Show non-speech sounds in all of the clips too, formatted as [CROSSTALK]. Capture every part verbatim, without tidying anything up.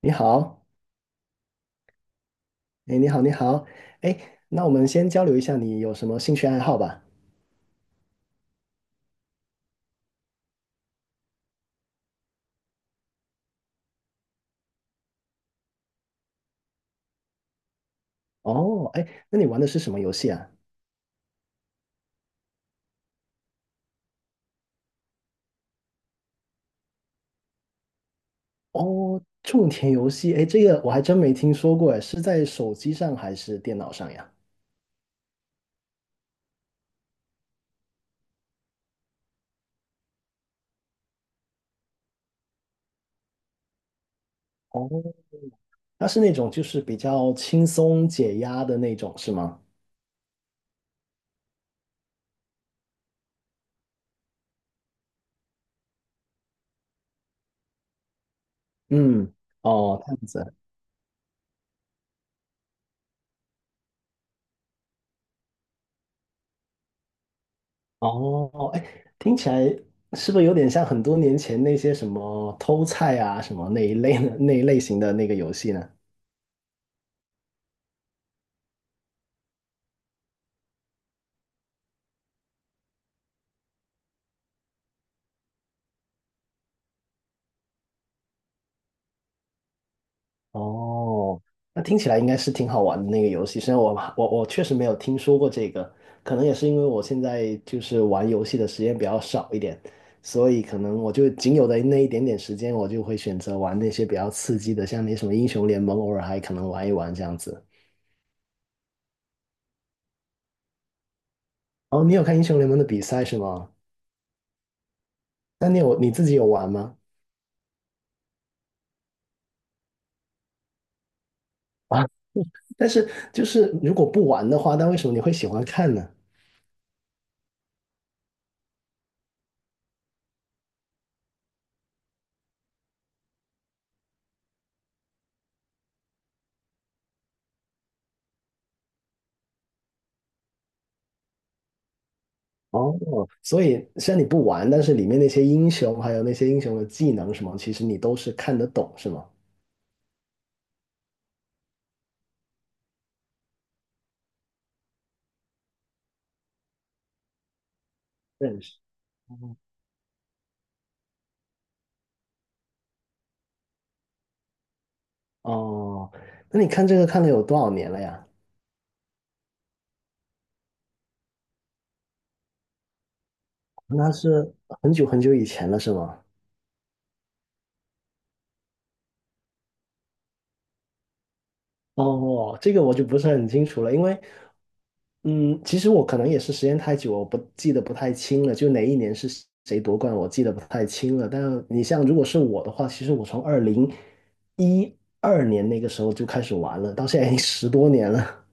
你好。哎，你好，你好，哎，那我们先交流一下你有什么兴趣爱好吧。哦，哎，那你玩的是什么游戏啊？哦，种田游戏，哎，这个我还真没听说过，哎，是在手机上还是电脑上呀？哦，它是那种就是比较轻松解压的那种，是吗？嗯。哦，这样子。哦，哎，听起来是不是有点像很多年前那些什么偷菜啊什么那一类的那一类型的那个游戏呢？哦，那听起来应该是挺好玩的那个游戏，虽然我我我确实没有听说过这个，可能也是因为我现在就是玩游戏的时间比较少一点，所以可能我就仅有的那一点点时间，我就会选择玩那些比较刺激的，像那什么英雄联盟，偶尔还可能玩一玩这样子。哦，你有看英雄联盟的比赛是吗？那你有你自己有玩吗？[LAUGHS] 啊，但是就是如果不玩的话，那为什么你会喜欢看呢？哦，所以虽然你不玩，但是里面那些英雄还有那些英雄的技能什么，其实你都是看得懂，是吗？认识。哦，那你看这个看了有多少年了呀？那是很久很久以前了，是吗？哦，这个我就不是很清楚了，因为，嗯，其实我可能也是时间太久，我不记得不太清了，就哪一年是谁夺冠，我记得不太清了。但你像如果是我的话，其实我从二零一二年那个时候就开始玩了，到现在已经十多年了。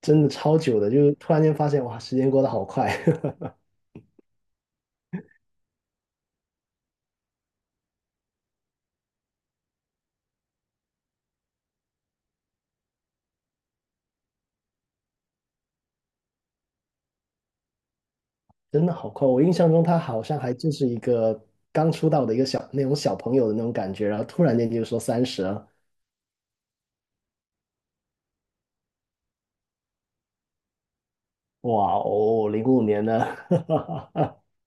真的超久的，就是突然间发现哇，时间过得好快。[LAUGHS] 真的好快。我印象中他好像还就是一个刚出道的一个小那种小朋友的那种感觉，然后突然间就说三十了。哇哦，零五年的。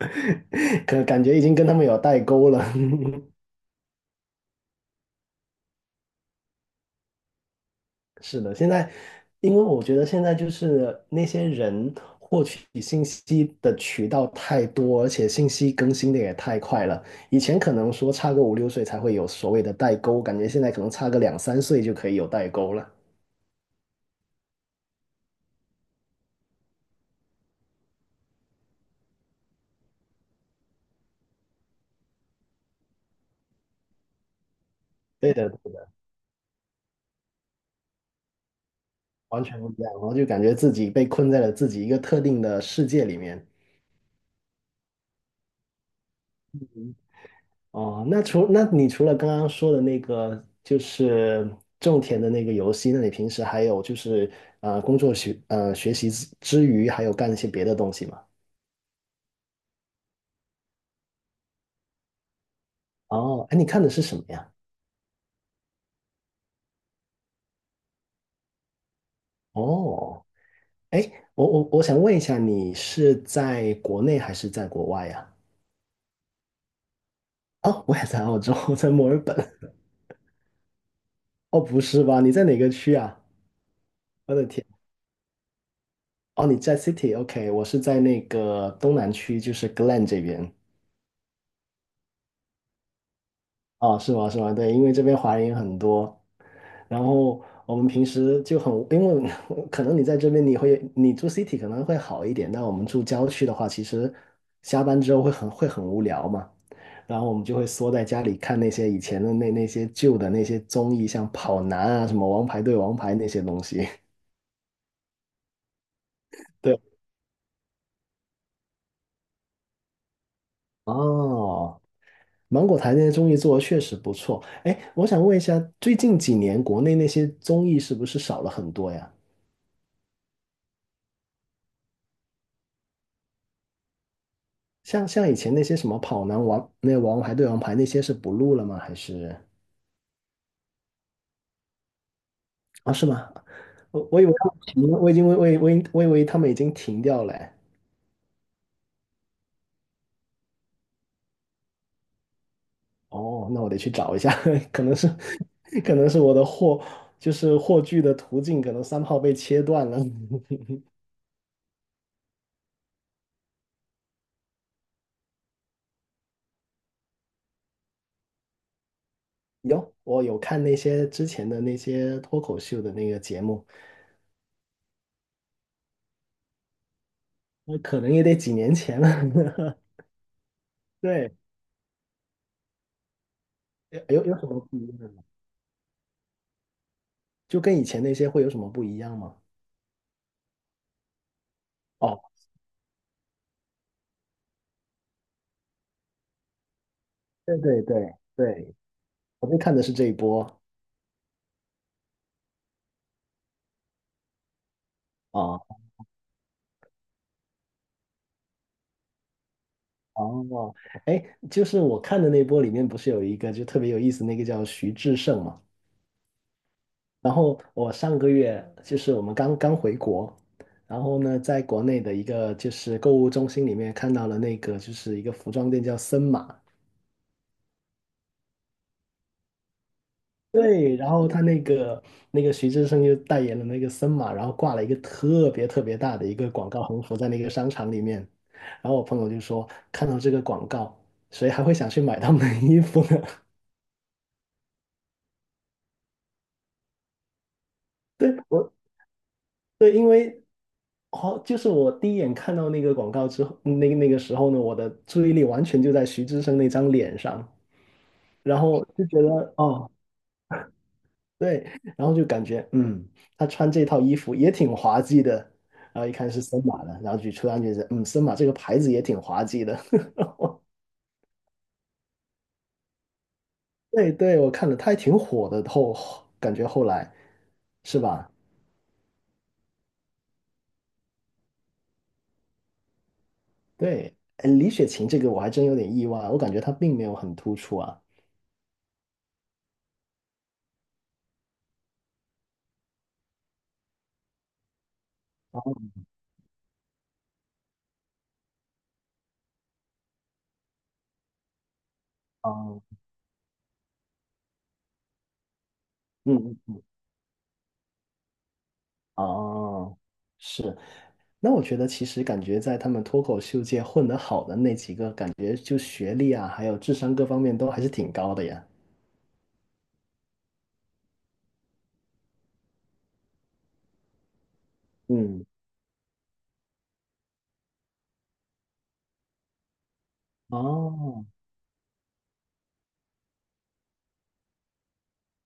[LAUGHS] 可感觉已经跟他们有代沟了。[LAUGHS] 是的，现在，因为我觉得现在就是那些人获取信息的渠道太多，而且信息更新的也太快了。以前可能说差个五六岁才会有所谓的代沟，感觉现在可能差个两三岁就可以有代沟了。对的，对的，完全不一样。然后就感觉自己被困在了自己一个特定的世界里面。哦，那除那你除了刚刚说的那个，就是种田的那个游戏，那你平时还有就是呃工作学呃学习之之余，还有干一些别的东西吗？哦，哎，你看的是什么呀？哦，哎，我我我想问一下，你是在国内还是在国外呀？哦，我也在澳洲，我在墨尔本。哦，不是吧？你在哪个区啊？我的天！哦，你在 City，OK，我是在那个东南区，就是 Glen 这边。哦，是吗？是吗？对，因为这边华人也很多，然后我们平时就很，因为 [LAUGHS] 可能你在这边你会，你住 city 可能会好一点，但我们住郊区的话，其实下班之后会很会很无聊嘛，然后我们就会缩在家里看那些以前的那那些旧的那些综艺，像跑男啊，什么王牌对王牌那些东西。[LAUGHS] 对。哦，芒果台那些综艺做的确实不错。哎，我想问一下，最近几年国内那些综艺是不是少了很多呀？像像以前那些什么跑男王、那王牌对王牌那些是不录了吗？还是啊，是吗？我我以为他们停了，我已经我我我以我以为他们已经停掉了哎。哦，那我得去找一下。[LAUGHS] 可能是可能是我的货，就是货剧的途径可能三号被切断了。[LAUGHS] 有，我有看那些之前的那些脱口秀的那个节目。那可能也得几年前了。[LAUGHS] 对，有有什么不一样吗？就跟以前那些会有什么不一样吗？哦，对对对对，我就看的是这一波啊。哦，哎，就是我看的那波里面不是有一个就特别有意思，那个叫徐志胜嘛。然后我上个月就是我们刚刚回国，然后呢，在国内的一个就是购物中心里面看到了那个就是一个服装店叫森马，对，然后他那个那个徐志胜就代言了那个森马，然后挂了一个特别特别大的一个广告横幅在那个商场里面，然后我朋友就说看到这个广告，谁还会想去买他们的衣服呢？[LAUGHS] 对，我，好，就是我第一眼看到那个广告之后，那个那个时候呢，我的注意力完全就在徐志胜那张脸上，然后就觉得哦，对，然后就感觉，嗯，他穿这套衣服也挺滑稽的，然后一看是森马的，然后就突然觉得，嗯，森马这个牌子也挺滑稽的。[LAUGHS] 对对，我看了，他还挺火的，后感觉后来。是吧？对，哎，李雪琴这个我还真有点意外，我感觉她并没有很突出啊。哦，嗯，哦，是。那我觉得其实感觉在他们脱口秀界混得好的那几个，感觉就学历啊，还有智商各方面都还是挺高的呀。嗯，哦，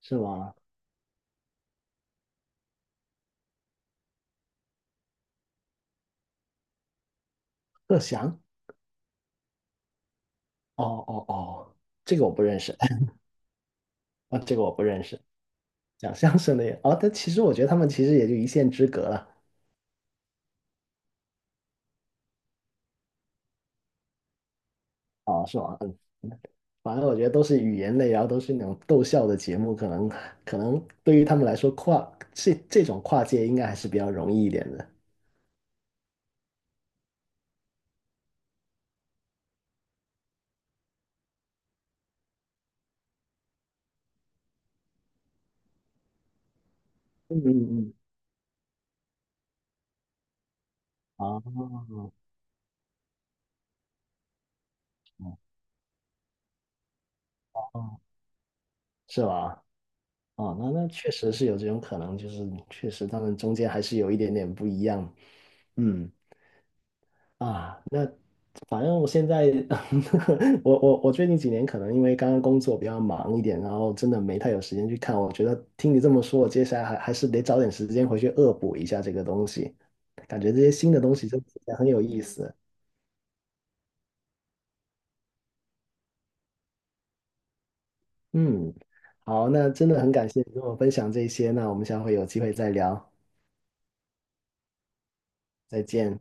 是吗？贺翔？哦哦哦，这个我不认识。[LAUGHS] 啊，这个我不认识。讲相声的也，哦，但其实我觉得他们其实也就一线之隔了，哦，是吗？嗯，反正我觉得都是语言类，然后都是那种逗笑的节目，可能可能对于他们来说跨这这种跨界应该还是比较容易一点的。嗯嗯嗯，哦哦，是吧？哦，那那确实是有这种可能，就是确实他们中间还是有一点点不一样。嗯啊，反正我现在，[LAUGHS] 我我我最近几年可能因为刚刚工作比较忙一点，然后真的没太有时间去看。我觉得听你这么说，我接下来还还是得找点时间回去恶补一下这个东西。感觉这些新的东西真的很有意思。嗯，好，那真的很感谢你跟我分享这些，那我们下回有机会再聊，再见。